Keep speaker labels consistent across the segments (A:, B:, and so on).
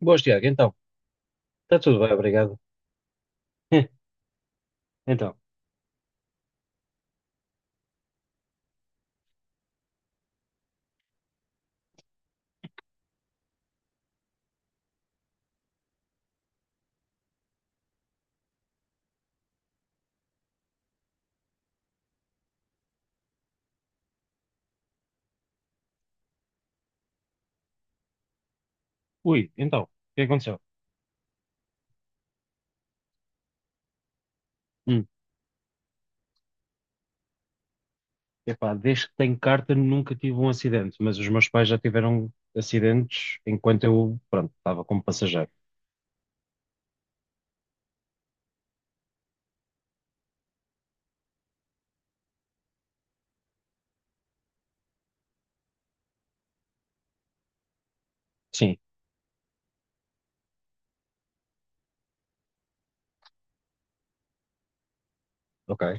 A: Boas, Tiago, então. Está tudo bem, obrigado. Então, ui, o que aconteceu? Hum. Epá, desde que tenho carta nunca tive um acidente, mas os meus pais já tiveram acidentes enquanto eu, pronto, estava como passageiro. Sim, ok.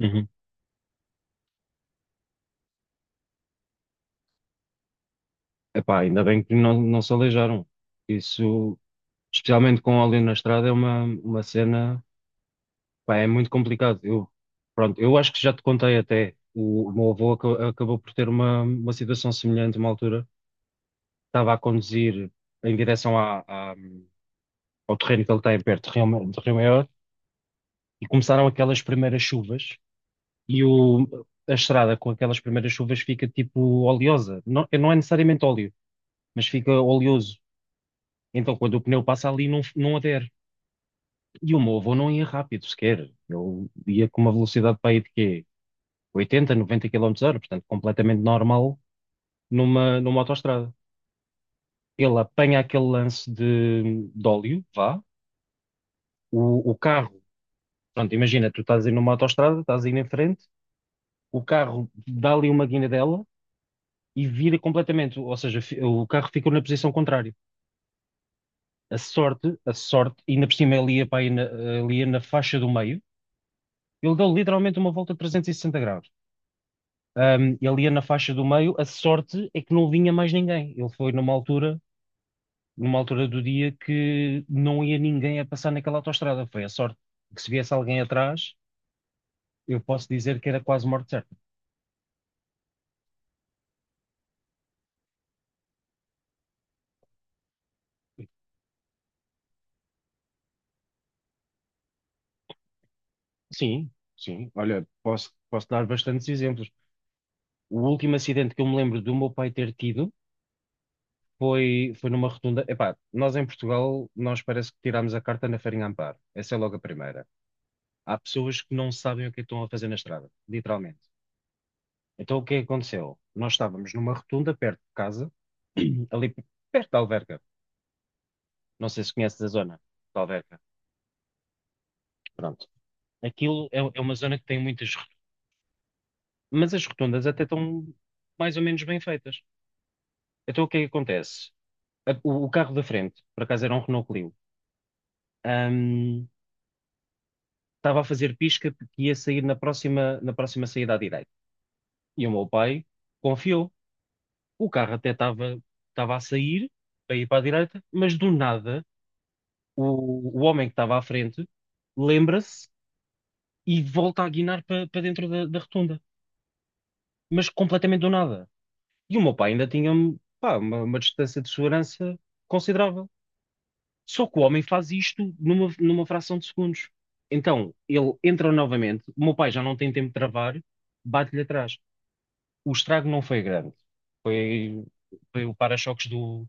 A: Uhum. Epá, ainda bem que não se aleijaram. Isso, especialmente com óleo na estrada, é uma cena, pá, é muito complicado. Pronto, eu acho que já te contei até, o meu avô acabou por ter uma situação semelhante uma altura. Estava a conduzir em direção ao terreno que ele tem perto de Rio Maior, e começaram aquelas primeiras chuvas, e a estrada com aquelas primeiras chuvas fica tipo oleosa. Não, não é necessariamente óleo, mas fica oleoso. Então quando o pneu passa ali não, não adere. E o meu avô não ia rápido sequer. Eu ia com uma velocidade para aí de quê? 80, 90 km hora, portanto completamente normal numa autoestrada. Ele apanha aquele lance de óleo, vá, o carro pronto, imagina, tu estás aí numa autoestrada, estás aí na frente, o carro dá ali uma guinadela e vira completamente, ou seja, o carro ficou na posição contrária. A sorte, ainda por cima ele ia para aí ali ia na faixa do meio, ele deu literalmente uma volta de 360 graus. Ele ia na faixa do meio, a sorte é que não vinha mais ninguém. Ele foi numa altura do dia que não ia ninguém a passar naquela autoestrada. Foi a sorte que se viesse alguém atrás, eu posso dizer que era quase morte certa. Sim, sim. Olha, posso dar bastantes exemplos. O último acidente que eu me lembro do meu pai ter tido foi numa rotunda. Epá, nós em Portugal, nós parece que tirámos a carta na farinha Amparo. Essa é logo a primeira. Há pessoas que não sabem o que é que estão a fazer na estrada, literalmente. Então o que é que aconteceu? Nós estávamos numa rotunda perto de casa, ali perto da Alverca. Não sei se conheces a zona da Alverca. Pronto. Aquilo é uma zona que tem muitas rotundas, mas as rotundas até estão mais ou menos bem feitas. Então o que é que acontece? O carro da frente, por acaso era um Renault Clio, ahm, estava a fazer pisca porque ia sair na próxima saída à direita. E o meu pai confiou. O carro até estava a sair, para ir para a direita, mas do nada o homem que estava à frente lembra-se e volta a guinar para dentro da rotunda, mas completamente do nada. E o meu pai ainda tinha, pá, uma distância de segurança considerável. Só que o homem faz isto numa fração de segundos. Então, ele entra novamente, o meu pai já não tem tempo de travar, bate-lhe atrás. O estrago não foi grande. Foi, foi o para-choques do,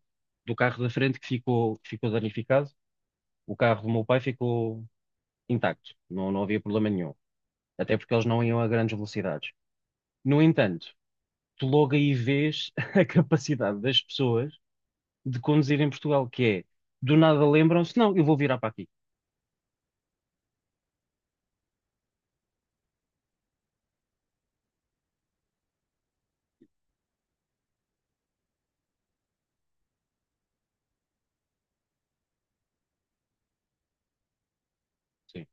A: do carro da frente que ficou danificado. O carro do meu pai ficou intacto. Não, não havia problema nenhum. Até porque eles não iam a grandes velocidades. No entanto, tu logo aí vês a capacidade das pessoas de conduzir em Portugal, que é, do nada lembram-se, não, eu vou virar para aqui. Sim.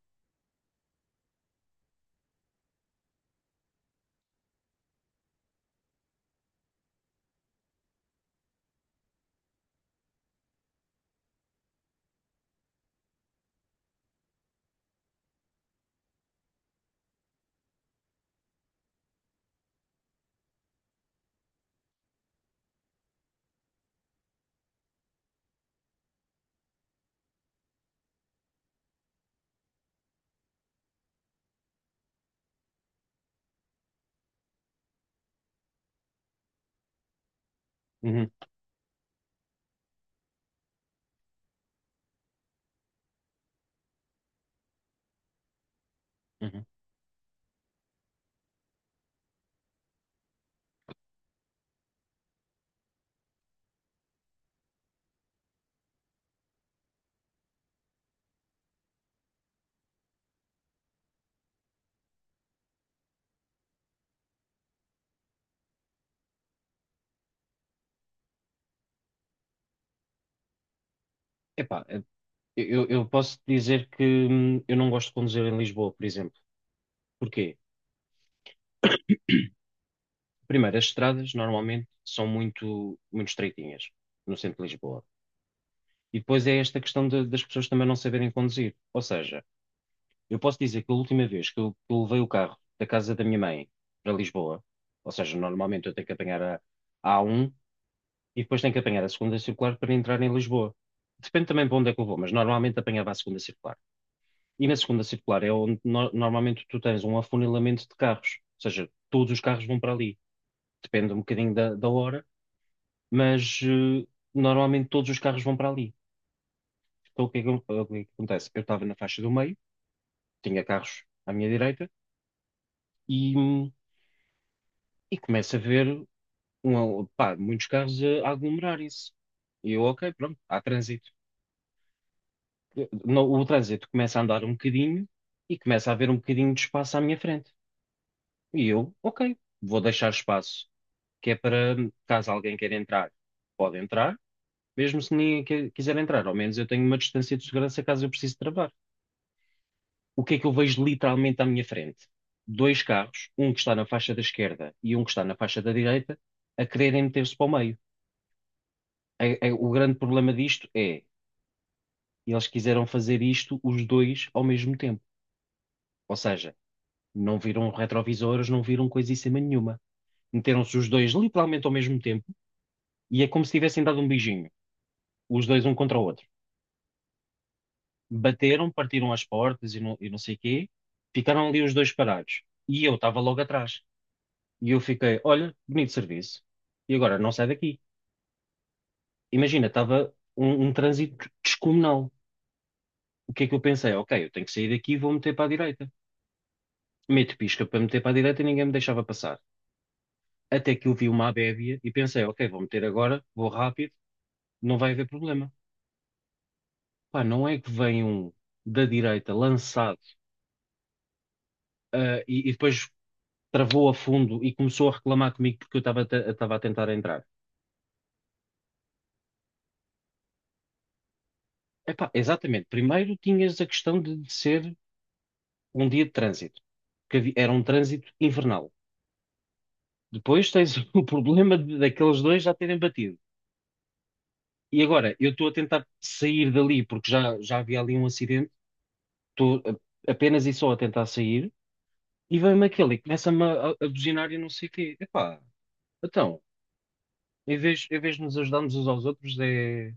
A: Uhum, uhum. Epá, eu posso dizer que, eu não gosto de conduzir em Lisboa, por exemplo. Porquê? Primeiro, as estradas normalmente são muito, muito estreitinhas no centro de Lisboa. E depois é esta questão das pessoas também não saberem conduzir. Ou seja, eu posso dizer que a última vez que eu levei o carro da casa da minha mãe para Lisboa, ou seja, normalmente eu tenho que apanhar a A1 e depois tenho que apanhar a segunda circular para entrar em Lisboa. Depende também para onde é que eu vou, mas normalmente apanhava a segunda circular. E na segunda circular é onde normalmente tu tens um afunilamento de carros, ou seja, todos os carros vão para ali. Depende um bocadinho da hora, mas normalmente todos os carros vão para ali. Então o que é que acontece? Eu estava na faixa do meio, tinha carros à minha direita e, hum, e começo a ver pá, muitos carros a aglomerarem-se. E eu, ok, pronto, há trânsito. O trânsito começa a andar um bocadinho e começa a haver um bocadinho de espaço à minha frente. E eu, ok, vou deixar espaço que é para caso alguém queira entrar, pode entrar, mesmo se ninguém quiser entrar. Ao menos eu tenho uma distância de segurança caso eu precise travar. O que é que eu vejo literalmente à minha frente? Dois carros, um que está na faixa da esquerda e um que está na faixa da direita, a quererem meter-se para o meio. O grande problema disto é, eles quiseram fazer isto os dois ao mesmo tempo. Ou seja, não viram retrovisores, não viram coisíssima nenhuma. Meteram-se os dois literalmente ao mesmo tempo e é como se tivessem dado um beijinho, os dois um contra o outro. Bateram, partiram as portas, e não sei o quê. Ficaram ali os dois parados. E eu estava logo atrás. E eu fiquei, olha, bonito serviço. E agora não sai daqui. Imagina, estava um trânsito descomunal. O que é que eu pensei? Ok, eu tenho que sair daqui e vou meter para a direita. Meto pisca para meter para a direita e ninguém me deixava passar. Até que eu vi uma abébia e pensei, ok, vou meter agora, vou rápido, não vai haver problema. Pá, não é que vem um da direita lançado, ah, e depois travou a fundo e começou a reclamar comigo porque eu estava estava a tentar entrar. Epá, exatamente. Primeiro tinhas a questão de ser um dia de trânsito, era um trânsito infernal. Depois tens o problema daqueles dois já terem batido. E agora, eu estou a tentar sair dali porque já havia ali um acidente, estou apenas e só a tentar sair, e vem-me aquele e começa-me a buzinar e não sei o quê. Epá, então, em vez de nos ajudarmos uns aos outros, é,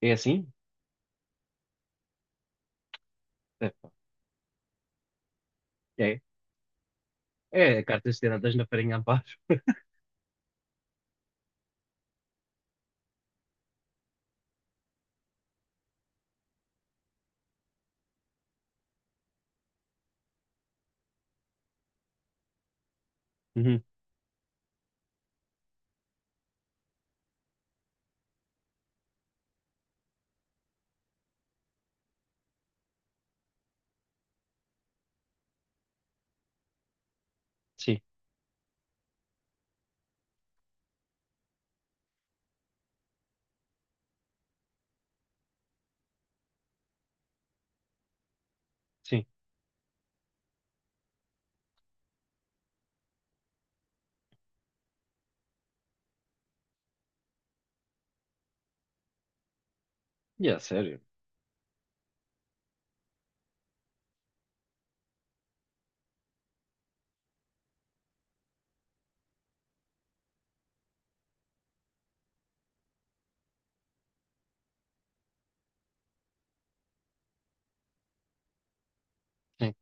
A: é assim? Epá, é. É cartas tiradas na farinha a paz. Uhum. Sim, sim. E é sério. Sim.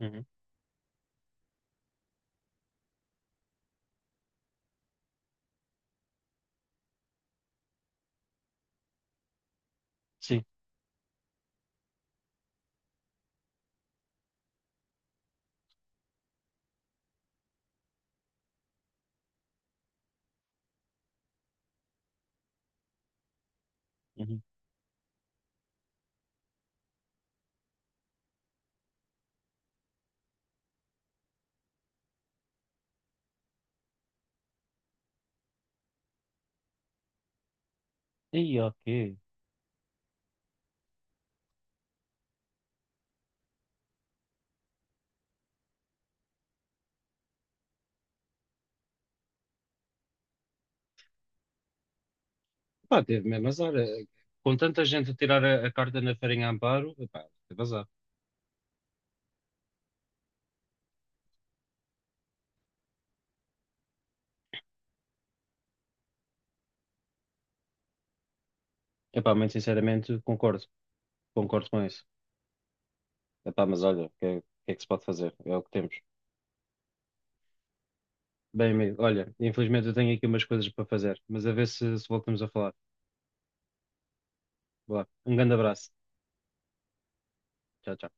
A: Uhum. Sim. Uhum. E ok. Pá, teve mesmo azar. Com tanta gente a tirar a carta na farinha a Amparo, pá, teve azar. Epá, muito sinceramente, concordo. Concordo com isso. Epá, mas olha, é o que é que se pode fazer? É o que temos. Bem, amigo, olha, infelizmente eu tenho aqui umas coisas para fazer, mas a ver se voltamos a falar. Vá, um grande abraço. Tchau, tchau.